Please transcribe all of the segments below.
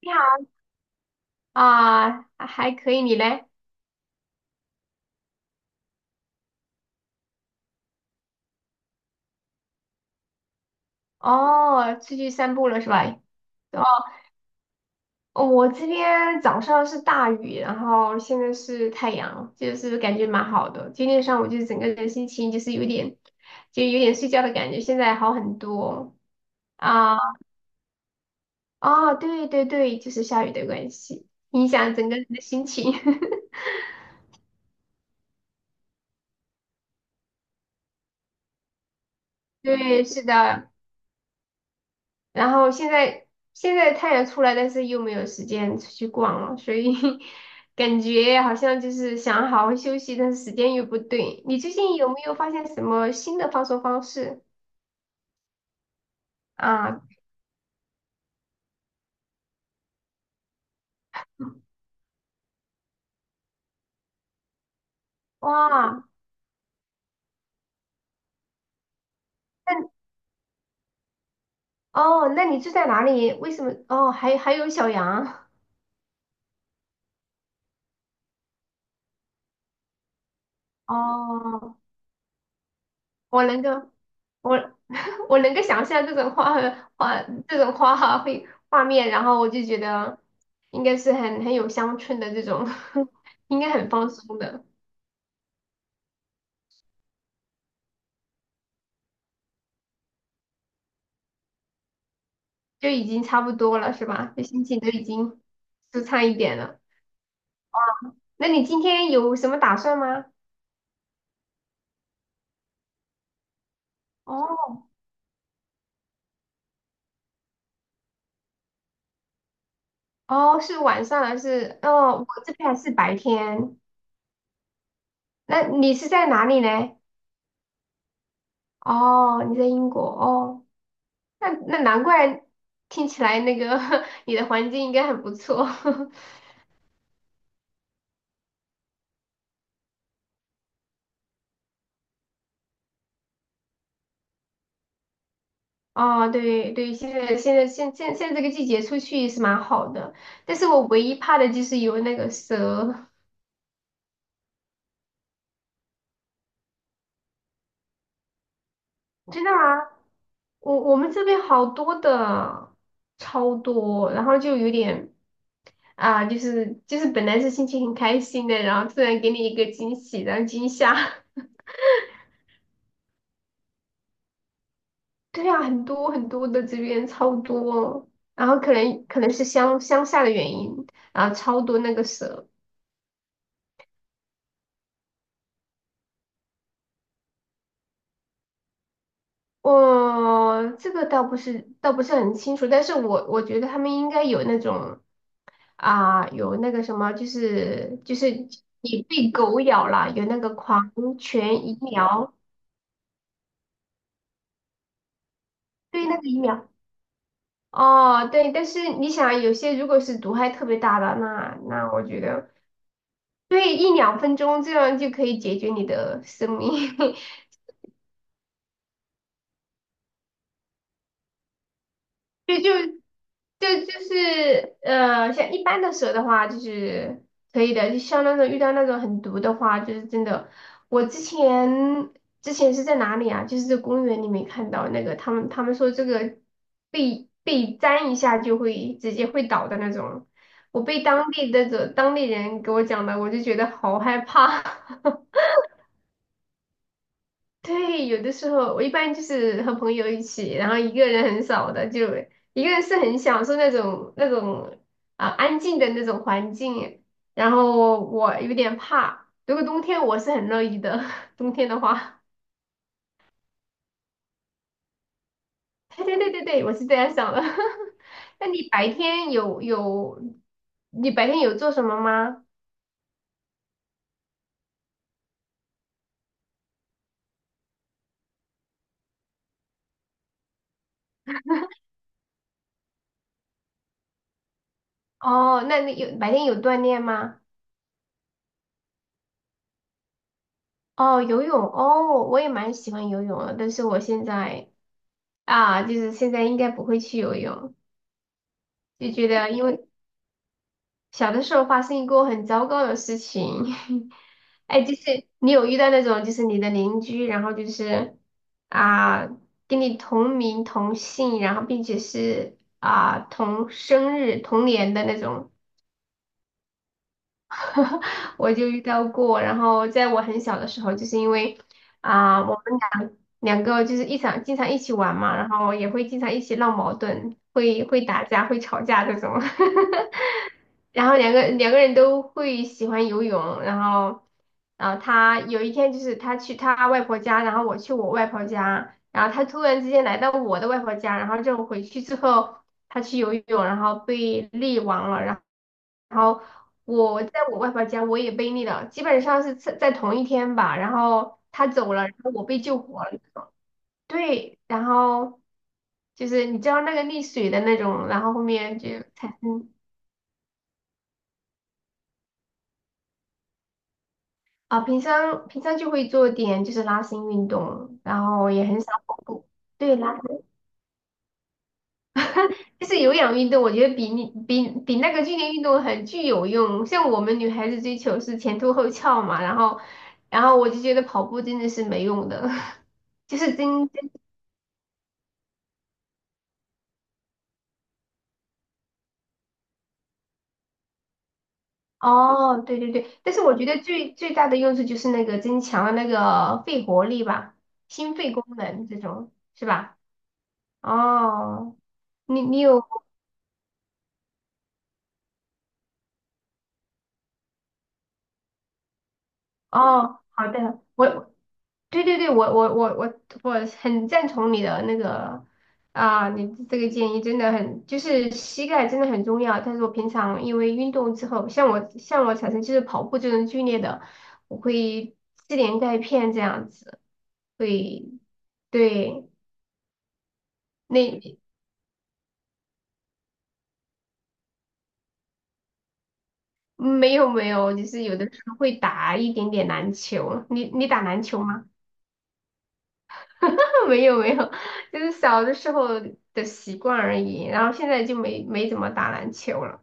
你好啊，还可以，你嘞？哦，出去散步了是吧？哦，哦我这边早上是大雨，然后现在是太阳，就是感觉蛮好的。今天上午就是整个人心情就是有点，就有点睡觉的感觉，现在好很多啊。哦，对对对，就是下雨的关系，影响整个人的心情。对，是的，然后现在太阳出来，但是又没有时间出去逛了，所以 感觉好像就是想好好休息，但是时间又不对。你最近有没有发现什么新的放松方式啊？哇，那哦，那你住在哪里？为什么？哦，还有小杨哦，我能够，我 我能够想象画这种画面，然后我就觉得应该是很有乡村的这种，应该很放松的，就已经差不多了，是吧？就心情都已经舒畅一点了。那你今天有什么打算吗？哦哦，是晚上还是？哦，我这边还是白天。那你是在哪里呢？哦，你在英国哦。那难怪听起来那个 你的环境应该很不错。哦，对对，现在这个季节出去也是蛮好的，但是我唯一怕的就是有那个蛇。真的吗？我们这边好多的，超多，然后就有点啊，就是本来是心情很开心的，然后突然给你一个惊喜，然后惊吓。对啊，很多很多的这边超多，然后可能是乡下的原因，然后超多那个蛇。我这个倒不是很清楚，但是我觉得他们应该有那种啊、有那个什么，就是你被狗咬了，有那个狂犬疫苗，对那个疫苗。哦，对，但是你想啊，有些如果是毒害特别大的，那我觉得对一两分钟这样就可以解决你的生命。就就就是呃，像一般的蛇的话，就是可以的。就像那种遇到那种很毒的话，就是真的。我之前是在哪里啊？就是在公园里面看到那个，他们说这个被粘一下就会直接会倒的那种。我被当地的当地人给我讲的，我就觉得好害怕。对，有的时候我一般就是和朋友一起，然后一个人很少的，就一个人是很享受那种啊、安静的那种环境。然后我有点怕，如果冬天我是很乐意的，冬天的话，对对对对对，我是这样想的。那你白天有做什么吗？哦，那你白天有锻炼吗？哦，游泳哦，我也蛮喜欢游泳的，但是我现在。就是现在应该不会去游泳，就觉得因为小的时候发生一个很糟糕的事情，哎，就是你有遇到那种就是你的邻居，然后就是啊跟你同名同姓，然后并且是同生日同年的那种。我就遇到过。然后在我很小的时候，就是因为我们两个就是一场经常一起玩嘛，然后也会经常一起闹矛盾，会打架，会吵架这种。然后两个人都会喜欢游泳，然后，然后，他有一天就是他去他外婆家，然后我去我外婆家，然后他突然之间来到我的外婆家，然后就回去之后，他去游泳，然后被溺亡了，然后我在我外婆家我也被溺了，基本上是在同一天吧，然后他走了，然后我被救活了那种，对，然后就是你知道那个溺水的那种，然后后面就产生。啊，平常就会做点就是拉伸运动，然后也很少跑步。对，拉伸就是有氧运动，我觉得比你比比那个剧烈运动很具有用。像我们女孩子追求是前凸后翘嘛，然后我就觉得跑步真的是没用的，就是增增哦，对对对。但是我觉得最大的用处就是那个增强了那个肺活力吧，心肺功能这种是吧？哦，你你有哦，好的。对对对，我很赞同你的那个啊，你这个建议真的很，就是膝盖真的很重要。但是我平常因为运动之后，像我产生就是跑步这种剧烈的，我会吃点钙片这样子，会对那没有没有，就是有的时候会打一点点篮球。你打篮球吗？没有没有，就是小的时候的习惯而已，然后现在就没怎么打篮球了。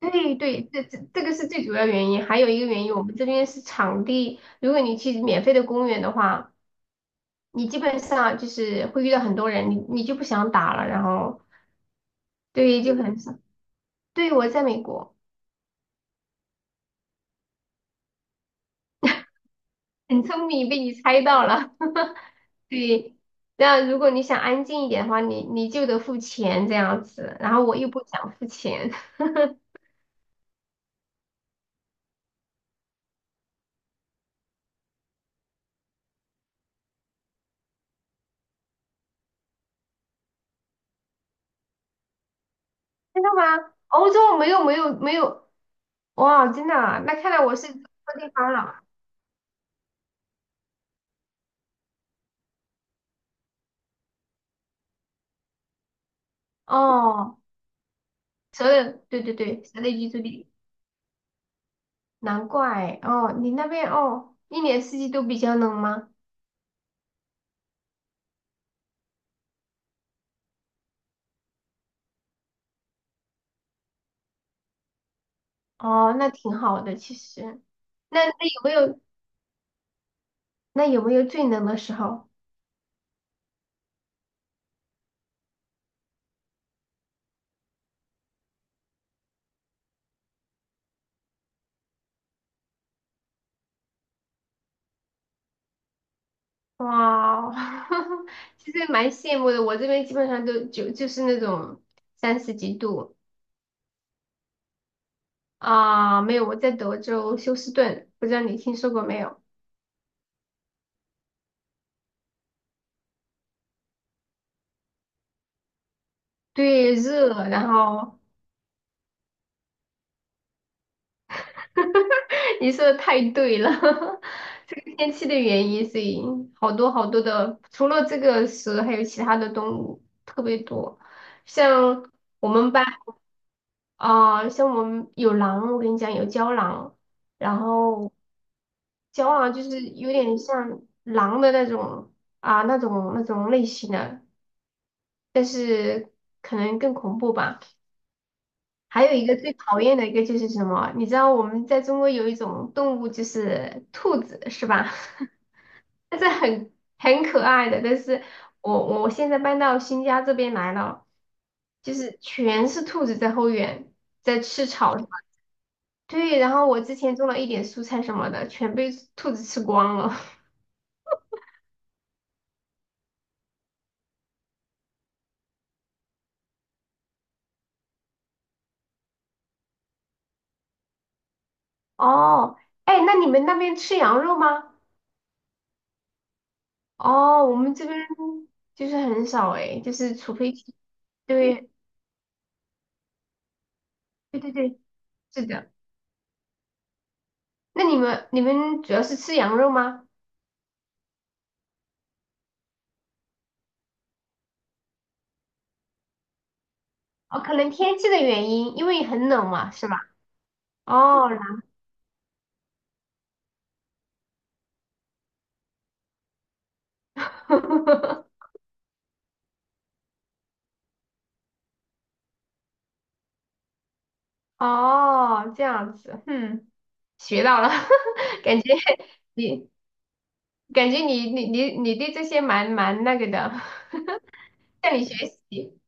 对对，这个是最主要原因，还有一个原因，我们这边是场地。如果你去免费的公园的话，你基本上就是会遇到很多人，你就不想打了，然后对，就很少。对，我在美国，很聪明，被你猜到了。对，那如果你想安静一点的话，你就得付钱这样子，然后我又不想付钱，真的吗？欧洲没有没有没有，哇，真的啊那看来我是错地方了。哦，蛇的，对对对，蛇的居住地。难怪哦，你那边哦，一年四季都比较冷吗？哦，那挺好的，其实。那那有没有那有没有最冷的时候？哇哦，其实蛮羡慕的。我这边基本上都就是那种三十几度啊，没有。我在德州休斯顿，不知道你听说过没有？对，热，然后 你说的太对了，这个天气的原因，所以好多好多的，除了这个蛇，还有其他的动物特别多。像我们班像我们有狼，我跟你讲有郊狼，然后郊狼就是有点像狼的那种啊、那种那种类型的，但是可能更恐怖吧。还有一个最讨厌的一个就是什么？你知道我们在中国有一种动物就是兔子，是吧？但是很可爱的。但是我现在搬到新家这边来了，就是全是兔子在后院在吃草什么。对，然后我之前种了一点蔬菜什么的，全被兔子吃光了。哦，哎，那你们那边吃羊肉吗？哦，我们这边就是很少哎，就是除非去对对对对，是的。那你们主要是吃羊肉吗？哦，可能天气的原因，因为很冷嘛，是吧？哦，哦，这样子，嗯，学到了，感觉你感觉你对这些蛮那个的，向你学习。